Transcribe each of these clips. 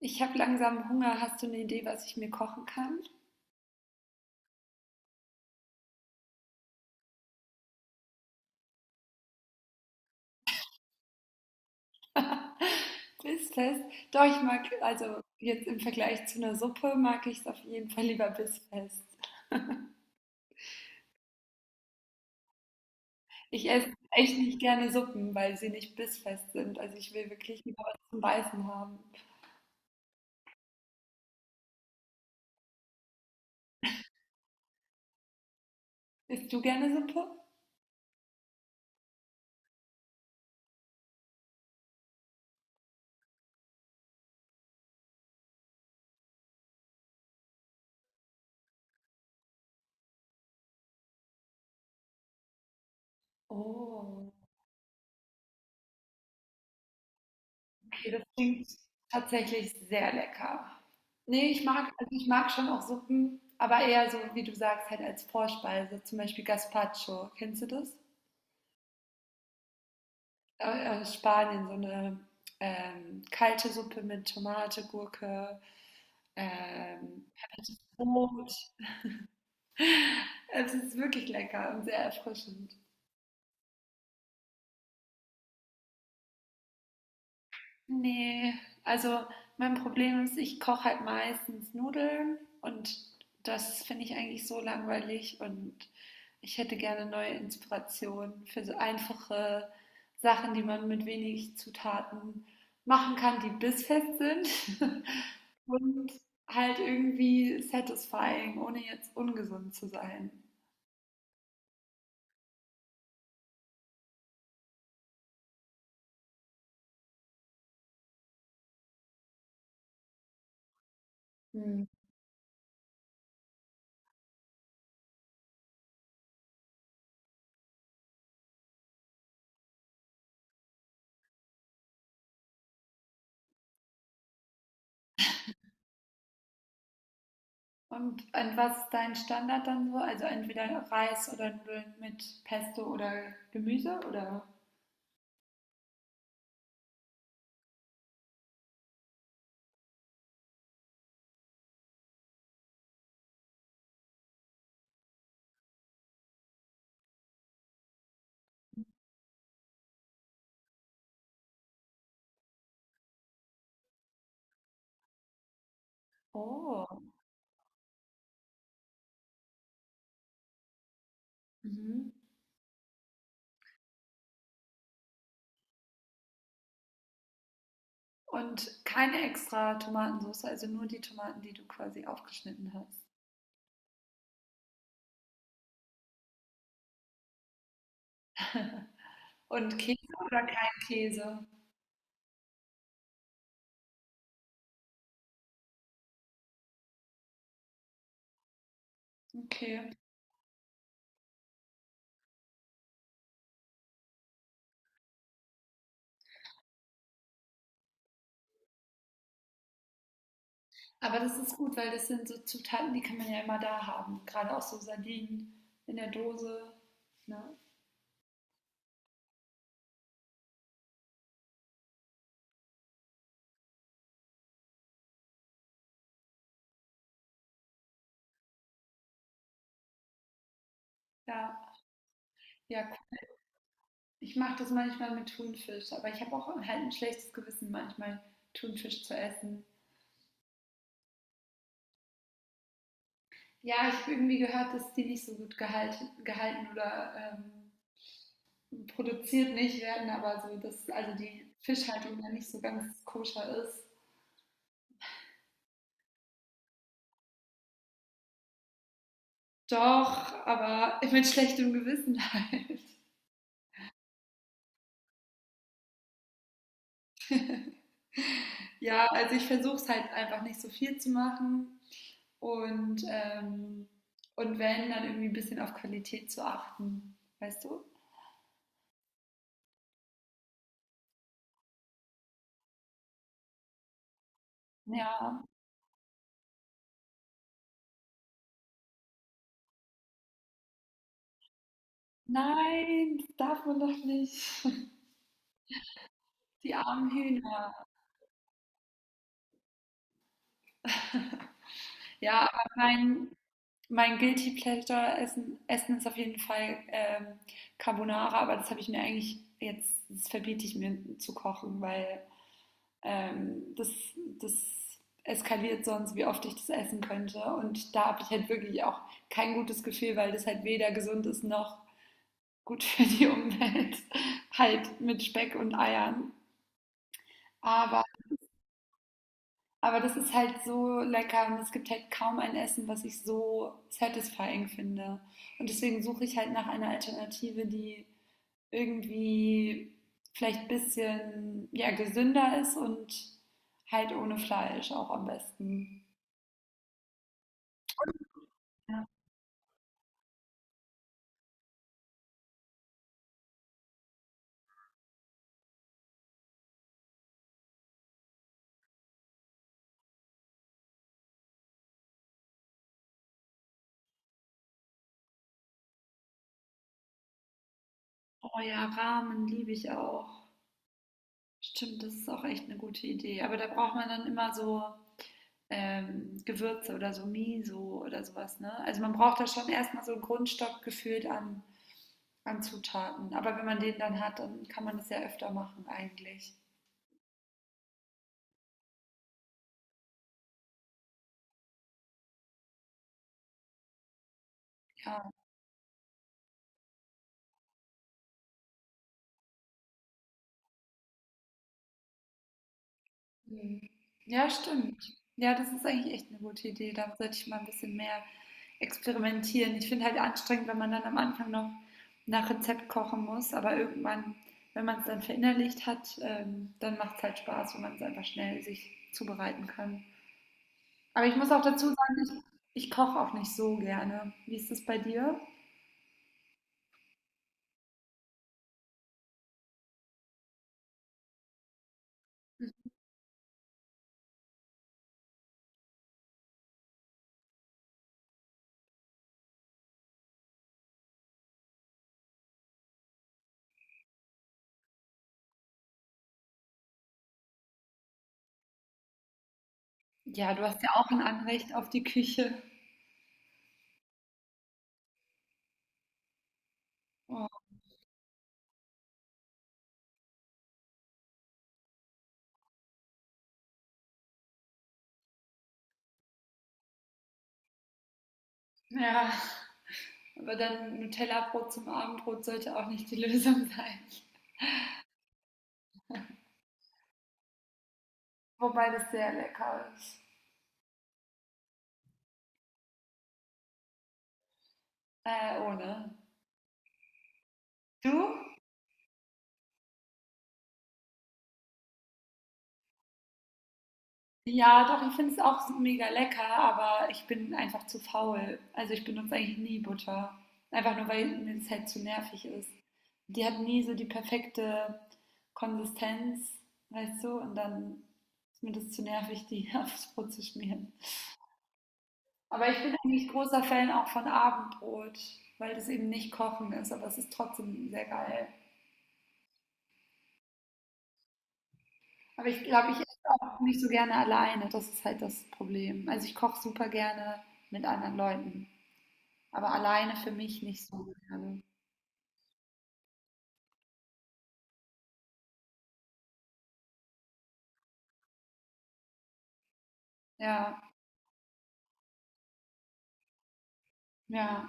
Ich habe langsam Hunger. Hast du eine Idee, was ich mir kochen kann? Bissfest? Doch, ich mag, also jetzt im Vergleich zu einer Suppe, mag ich es auf jeden Fall lieber bissfest. Ich esse echt nicht gerne Suppen, weil sie nicht bissfest sind. Also ich will wirklich lieber was zum Beißen haben. Isst du gerne Suppe? Oh, okay, das klingt tatsächlich sehr lecker. Nee, ich mag, also ich mag schon auch Suppen, aber eher so, wie du sagst, halt als Vorspeise, zum Beispiel Gazpacho. Kennst du das? Spanien, so eine kalte Suppe mit Tomate, Gurke, ähm, Brot. Also es ist wirklich lecker und sehr erfrischend. Ne, also mein Problem ist, ich koche halt meistens Nudeln und das finde ich eigentlich so langweilig, und ich hätte gerne neue Inspirationen für so einfache Sachen, die man mit wenig Zutaten machen kann, die bissfest sind und halt irgendwie satisfying, ohne jetzt ungesund zu sein. Hm. Und an was ist dein Standard dann so? Also entweder Reis oder Nudeln mit Pesto oder Gemüse oder? Oh. Mhm. Und keine extra Tomatensoße, also nur die Tomaten, die du quasi aufgeschnitten hast. Und Käse oder kein Käse. Okay. Aber das ist gut, weil das sind so Zutaten, die kann man ja immer da haben. Gerade auch so Sardinen in der Dose. Ne? Ja, ja, cool. Ich mache das manchmal mit Thunfisch, aber ich habe auch halt ein schlechtes Gewissen, manchmal Thunfisch zu essen. Ja, ich habe irgendwie gehört, dass die nicht so gut gehalten oder produziert nicht werden, aber so, dass also die Fischhaltung ja nicht so ganz koscher ist. Doch, aber mit schlechtem Gewissen halt. Ja, also ich versuche es halt einfach nicht so viel zu machen und, ähm, und wenn, dann irgendwie ein bisschen auf Qualität zu achten, weißt du? Ja, nein, das darf man doch nicht. Die armen Hühner. Ja, aber mein, Mein Guilty Pleasure Essen, Essen ist auf jeden Fall Carbonara, aber das habe ich mir eigentlich jetzt, das verbiete ich mir zu kochen, weil ähm, das, das eskaliert sonst, wie oft ich das essen könnte. Und da habe ich halt wirklich auch kein gutes Gefühl, weil das halt weder gesund ist noch gut für die Umwelt, halt mit Speck und Eiern. Aber Aber das ist halt so lecker, und es gibt halt kaum ein Essen, was ich so satisfying finde. Und deswegen suche ich halt nach einer Alternative, die irgendwie vielleicht ein bisschen ja, gesünder ist und halt ohne Fleisch auch am besten. Ja. Oh ja, Ramen liebe ich auch. Stimmt, das ist auch echt eine gute Idee. Aber da braucht man dann immer so Gewürze oder so Miso oder sowas. Ne? Also man braucht da schon erstmal so einen Grundstock gefühlt an Zutaten. Aber wenn man den dann hat, dann kann man das ja öfter machen eigentlich. Ja. Mhm. Ja, stimmt. Ja, das ist eigentlich echt eine gute Idee. Da sollte ich mal ein bisschen mehr experimentieren. Ich finde halt anstrengend, wenn man dann am Anfang noch nach Rezept kochen muss, aber irgendwann, wenn man es dann verinnerlicht hat, dann macht es halt Spaß, wenn man es einfach schnell sich zubereiten kann. Aber ich muss auch dazu sagen, ich koche auch nicht so gerne. Wie ist das bei dir? Ja, du hast ja auch ein Anrecht auf die Küche. Oh, ja, aber dann Nutella-Brot zum Abendbrot sollte auch nicht die Lösung sein. Wobei das sehr lecker ist. Ohne. Du? Ja, doch, ich finde es auch mega lecker, aber ich bin einfach zu faul. Also ich benutze eigentlich nie Butter. Einfach nur, weil mir das halt zu nervig ist. Die hat nie so die perfekte Konsistenz, weißt du? Und dann ist mir das zu nervig, die aufs Brot zu schmieren. Aber ich bin eigentlich großer Fan auch von Abendbrot, weil das eben nicht kochen ist, aber es ist trotzdem sehr geil. Aber ich glaube, ich esse auch nicht so gerne alleine. Das ist halt das Problem. Also ich koche super gerne mit anderen Leuten, aber alleine für mich nicht suchen kann. Ja, ja.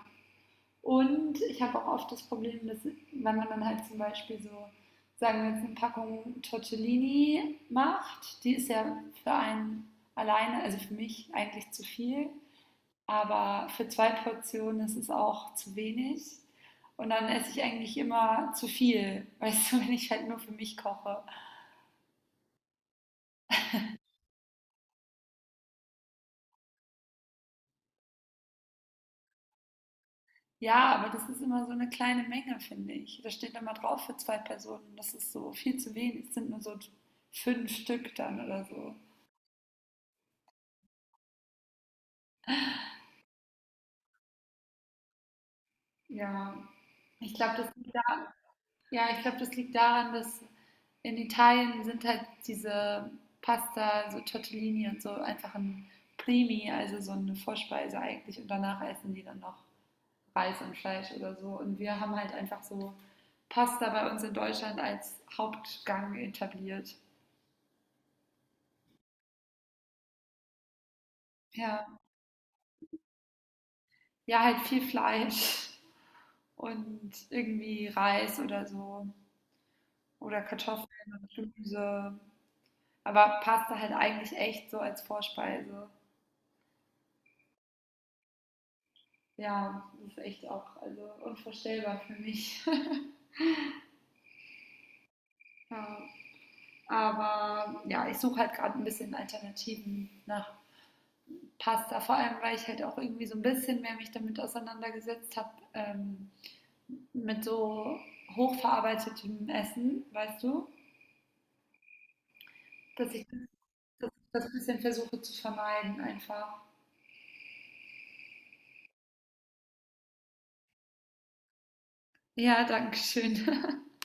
Und ich habe auch oft das Problem, dass wenn man dann halt zum Beispiel so, sagen wir jetzt, eine Packung Tortellini macht, die ist ja für einen alleine, also für mich eigentlich zu viel, aber für zwei Portionen ist es auch zu wenig. Und dann esse ich eigentlich immer zu viel, weißt du, wenn ich halt nur für mich koche. Ja, aber das ist immer so eine kleine Menge, finde ich. Da steht immer drauf für zwei Personen. Das ist so viel zu wenig. Es sind nur so fünf Stück dann oder so. Ja, ich glaube, das liegt da, ja, ich glaube, das liegt daran, dass in Italien sind halt diese Pasta, so Tortellini und so einfach ein Primi, also so eine Vorspeise eigentlich. Und danach essen die dann noch Reis und Fleisch oder so. Und wir haben halt einfach so Pasta bei uns in Deutschland als Hauptgang etabliert. Ja. Ja, halt viel Fleisch und irgendwie Reis oder so oder Kartoffeln und Gemüse. Aber Pasta halt eigentlich echt so als Vorspeise. Ja, das ist echt auch also unvorstellbar für mich. Ja, aber ja, ich suche halt gerade ein bisschen Alternativen nach Pasta, vor allem weil ich halt auch irgendwie so ein bisschen mehr mich damit auseinandergesetzt habe, mit so hochverarbeitetem Essen, weißt du, dass ich das das bisschen versuche zu vermeiden einfach. Ja, danke schön.